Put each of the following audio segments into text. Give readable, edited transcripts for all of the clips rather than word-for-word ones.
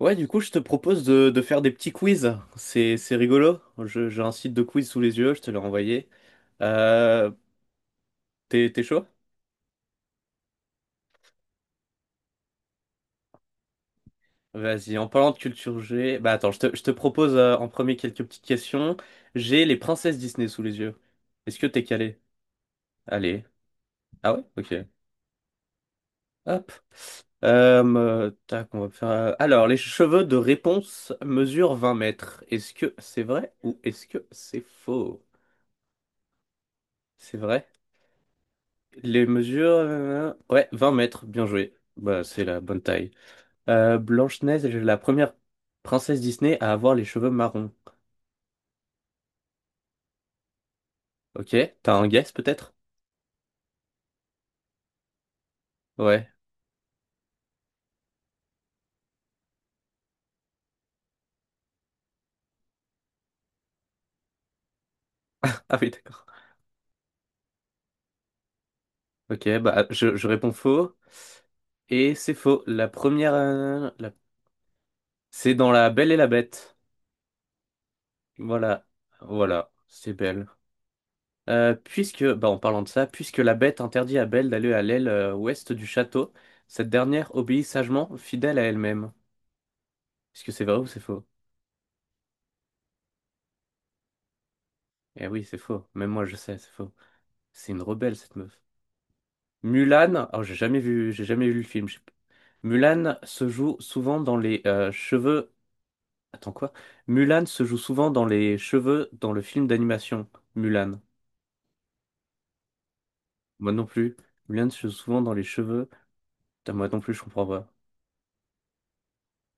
Ouais, du coup, je te propose de faire des petits quiz. C'est rigolo. J'ai un site de quiz sous les yeux, je te l'ai envoyé. Euh, t'es chaud? Vas-y, en parlant de culture G, bah attends, je te propose en premier quelques petites questions. J'ai les princesses Disney sous les yeux. Est-ce que t'es calé? Allez. Ah ouais? Ok. Hop. Tac, on va faire, alors, les cheveux de réponse mesurent 20 mètres. Est-ce que c'est vrai ou est-ce que c'est faux? C'est vrai? Les mesures, ouais, 20 mètres, bien joué. Bah, c'est la bonne taille. Blanche-Neige est la première princesse Disney à avoir les cheveux marrons. Ok, t'as un guess peut-être? Ouais. Ah oui, d'accord. Ok, bah je réponds faux. Et c'est faux. La première, c'est dans La Belle et la Bête. Voilà, voilà, c'est belle. Puisque, bah, en parlant de ça, puisque la Bête interdit à Belle d'aller à l'aile ouest du château, cette dernière obéit sagement, fidèle à elle-même. Est-ce que c'est vrai ou c'est faux? Eh oui, c'est faux. Même moi, je sais, c'est faux. C'est une rebelle, cette meuf. Mulan, oh, j'ai jamais vu le film. Je Mulan se joue souvent dans les cheveux. Attends quoi? Mulan se joue souvent dans les cheveux dans le film d'animation. Mulan. Moi non plus. Mulan se joue souvent dans les cheveux. Putain, moi non plus, je comprends pas.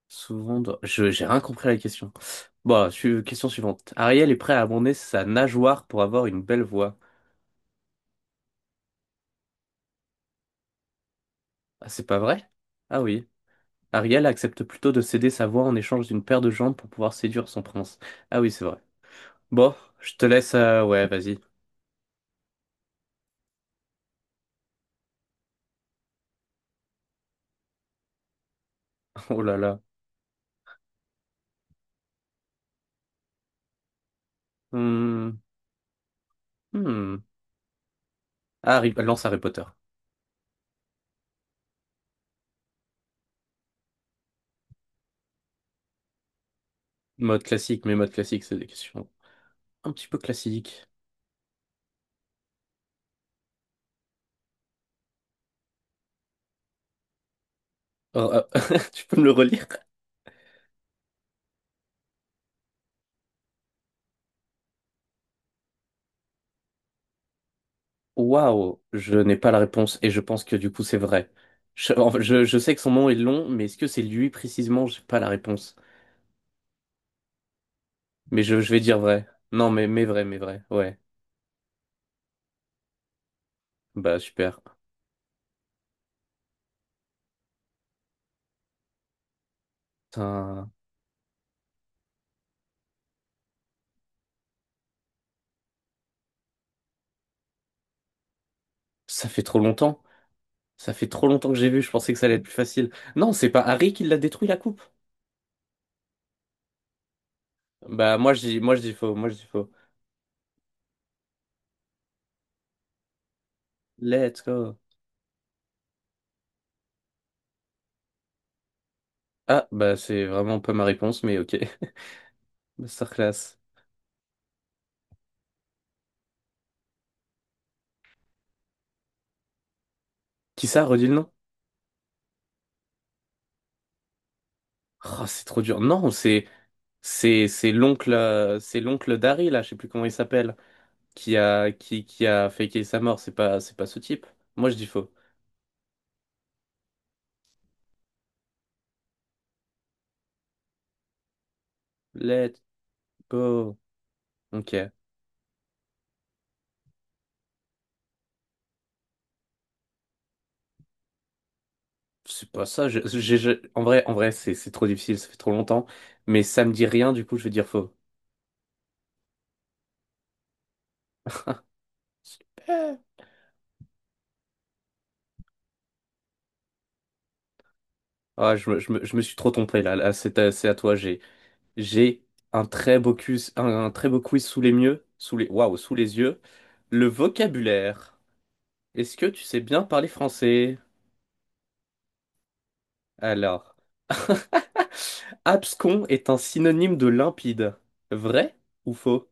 J'ai rien compris à la question. Bon, question suivante. Ariel est prêt à abandonner sa nageoire pour avoir une belle voix. Ah, c'est pas vrai? Ah oui. Ariel accepte plutôt de céder sa voix en échange d'une paire de jambes pour pouvoir séduire son prince. Ah oui, c'est vrai. Bon, je te laisse. Ouais, vas-y. Oh là là. Hmm, hmm. Ah, lance Harry Potter. Mode classique, mais mode classique, c'est des questions un petit peu classiques. Oh, ah, tu peux me le relire? Waouh, je n'ai pas la réponse et je pense que du coup c'est vrai. En fait, je sais que son nom est long, mais est-ce que c'est lui précisément? J'ai pas la réponse. Mais je vais dire vrai. Non, mais vrai, mais vrai. Ouais. Bah super. Putain, ça fait trop longtemps. Ça fait trop longtemps que j'ai vu, je pensais que ça allait être plus facile. Non, c'est pas Harry qui l'a détruit la coupe. Bah moi je dis faux, moi je dis faux. Let's go. Ah bah c'est vraiment pas ma réponse mais OK. Masterclass. Qui ça, redis le nom? Oh, c'est trop dur. Non, c'est l'oncle d'Harry là, je sais plus comment il s'appelle, qui a faké sa mort, c'est pas ce type. Moi je dis faux. Let's go. OK. C'est pas ça, en vrai c'est trop difficile, ça fait trop longtemps, mais ça me dit rien du coup, je vais dire faux. Super. Ah, je me suis trop trompé là. Là, c'est à toi. J'ai un très beau quiz, un très beau quiz sous les mieux, sous les, waouh, sous les yeux. Le vocabulaire. Est-ce que tu sais bien parler français? Alors, abscon est un synonyme de limpide. Vrai ou faux?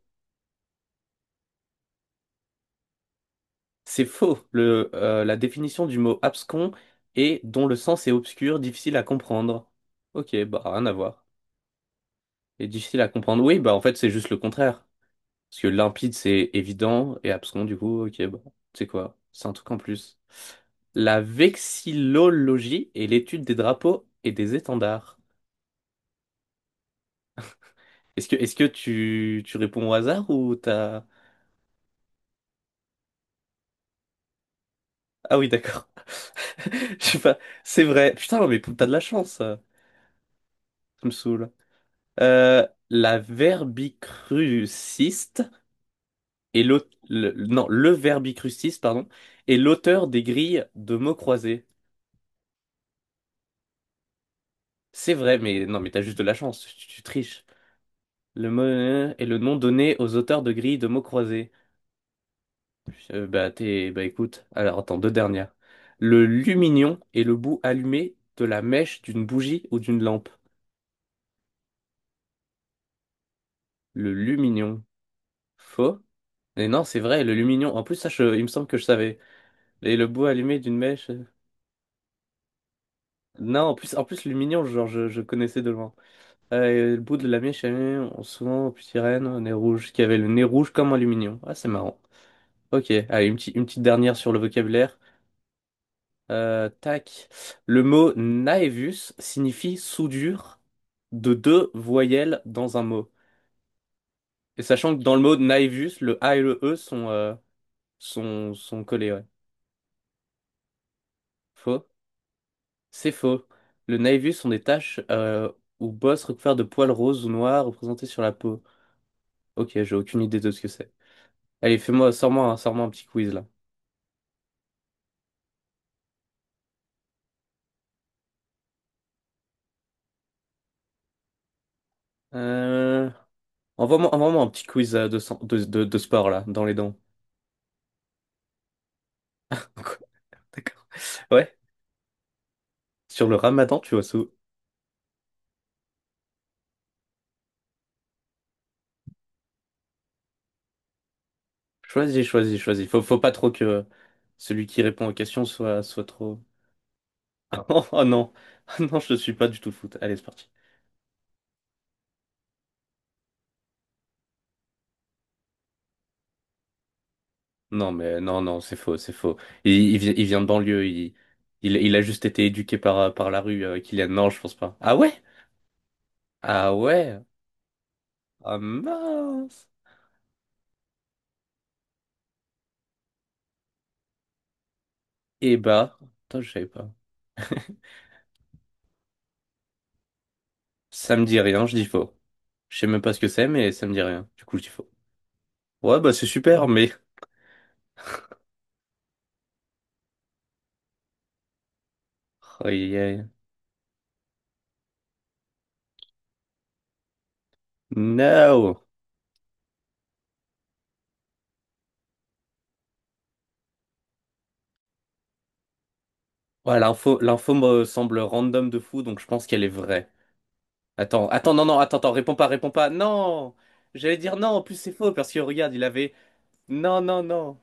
C'est faux. La définition du mot abscon est dont le sens est obscur, difficile à comprendre. Ok, bah rien à voir. Et difficile à comprendre. Oui, bah en fait c'est juste le contraire. Parce que limpide, c'est évident, et abscon, du coup, ok, bon, tu sais quoi, c'est un truc en plus. La vexillologie est l'étude des drapeaux et des étendards. Est-ce que tu réponds au hasard ou t'as... Ah oui, d'accord. Je sais pas, c'est vrai. Putain, mais t'as de la chance, ça me saoule. La verbicruciste et l'auteur, non, le verbicruciste, pardon, est l'auteur des grilles de mots croisés. C'est vrai, mais non, mais t'as juste de la chance, tu triches. Le mot est le nom donné aux auteurs de grilles de mots croisés. Bah, bah, écoute, alors attends, deux dernières. Le lumignon est le bout allumé de la mèche d'une bougie ou d'une lampe. Le lumignon. Faux? Mais non, c'est vrai, le lumignon. En plus, ça, il me semble que je savais. Et le bout allumé d'une mèche. Non, en plus, lumignon, genre, je connaissais de loin. Et le bout de la mèche allumée, souvent, aux petites reines, au nez rouge, qui avait le nez rouge comme un lumignon. Ah, c'est marrant. Ok, allez, une petite dernière sur le vocabulaire. Tac. Le mot naevus signifie soudure de deux voyelles dans un mot. Et sachant que dans le mot naevus, le A et le E sont collés, ouais. Faux? C'est faux. Le naevus sont des taches ou bosses recouvertes de poils roses ou noirs représentées sur la peau. Ok, j'ai aucune idée de ce que c'est. Allez, fais-moi, sors-moi un petit quiz là. Euh... envoie-moi un petit quiz de, sang- de sport là, dans les dents. D'accord. Ouais, sur le ramadan, tu vois, ça. Choisis, choisis, choisis. Faut pas trop que celui qui répond aux questions soit trop. Oh oh non, non, je suis pas du tout foot. Allez, c'est parti. Non, mais non, non, c'est faux, c'est faux. Il vient de banlieue. Il a juste été éduqué par la rue, Kylian. Non, je pense pas. Ah ouais? Ah ouais? Ah mince. Eh bah, putain, je savais pas. Ça me dit rien, je dis faux. Je sais même pas ce que c'est, mais ça me dit rien. Du coup, je dis faux. Ouais, bah c'est super, mais. Aïe, aïe. No! Ouais, l'info me semble random de fou, donc je pense qu'elle est vraie. Attends, attends, non, non, attends, attends, réponds pas, réponds pas. Non! J'allais dire non, en plus c'est faux, parce que regarde, il avait. Non, non, non.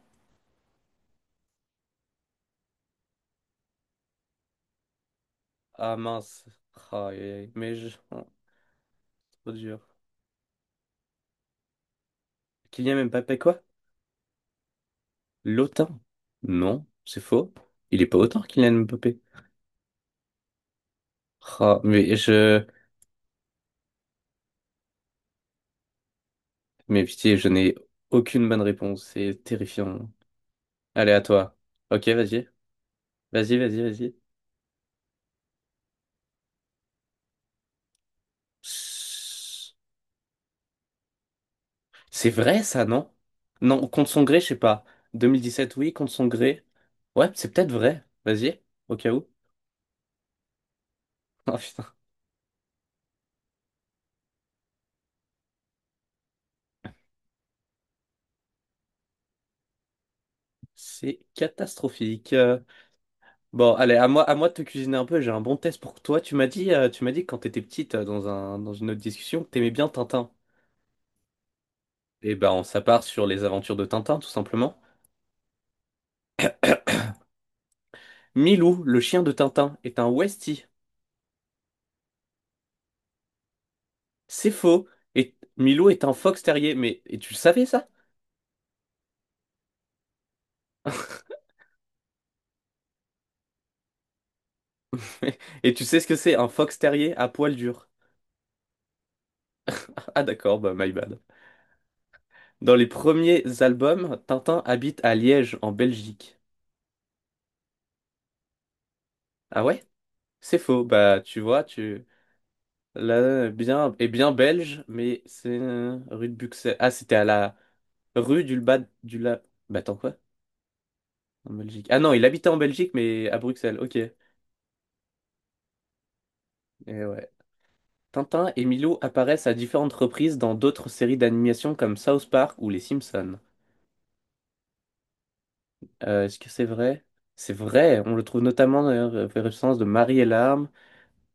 Ah mince. Ah, aïe, aïe, aïe. Oh, trop dur. Kylian Mbappé, quoi? L'OTAN? Non, c'est faux. Il est pas autant, Kylian Mbappé. Ah, mais pitié, je n'ai aucune bonne réponse, c'est terrifiant. Allez, à toi. Ok, vas-y. Vas-y, vas-y, vas-y. C'est vrai, ça, non? Non, contre son gré, je sais pas. 2017, oui, contre son gré. Ouais, c'est peut-être vrai. Vas-y, au cas où. Oh putain, c'est catastrophique. Bon, allez, à moi de te cuisiner un peu. J'ai un bon test pour toi. Tu m'as dit que quand t'étais petite, dans une autre discussion, que t'aimais bien Tintin. Eh ben, on s'appart sur les aventures de Tintin, tout simplement. Milou, le chien de Tintin, est un Westie. C'est faux. Et Milou est un fox terrier. Mais et tu le savais, ça? Et tu sais ce que c'est un fox terrier à poil dur? Ah d'accord, bah my bad. Dans les premiers albums, Tintin habite à Liège, en Belgique. Ah ouais? C'est faux. Bah tu vois, tu là bien et bien belge, mais c'est rue de Buxelles. Ah c'était à la rue du bas du la. Bah attends quoi? En Belgique. Ah non, il habitait en Belgique, mais à Bruxelles. Ok. Et ouais. Tintin et Milou apparaissent à différentes reprises dans d'autres séries d'animation comme South Park ou Les Simpsons. Est-ce que c'est vrai? C'est vrai, on le trouve notamment dans la référence de Marie et l'arme.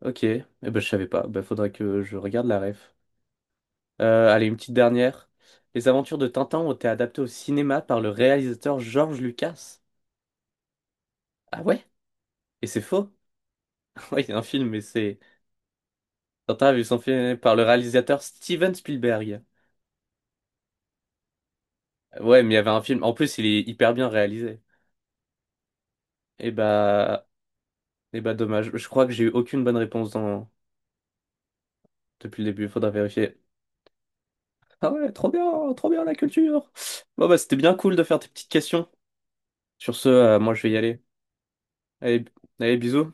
Ok, eh ben, je savais pas, ben, faudrait que je regarde la ref. Allez, une petite dernière. Les aventures de Tintin ont été adaptées au cinéma par le réalisateur George Lucas. Ah ouais? Et c'est faux? Oui, il y a un film. Tintin a vu son film par le réalisateur Steven Spielberg. Ouais, mais il y avait un film. En plus, il est hyper bien réalisé. Et bah... et bah, dommage. Je crois que j'ai eu aucune bonne réponse depuis le début, faudra vérifier. Ah ouais, trop bien la culture. Bon bah c'était bien cool de faire tes petites questions. Sur ce, moi je vais y aller. Allez, allez, bisous.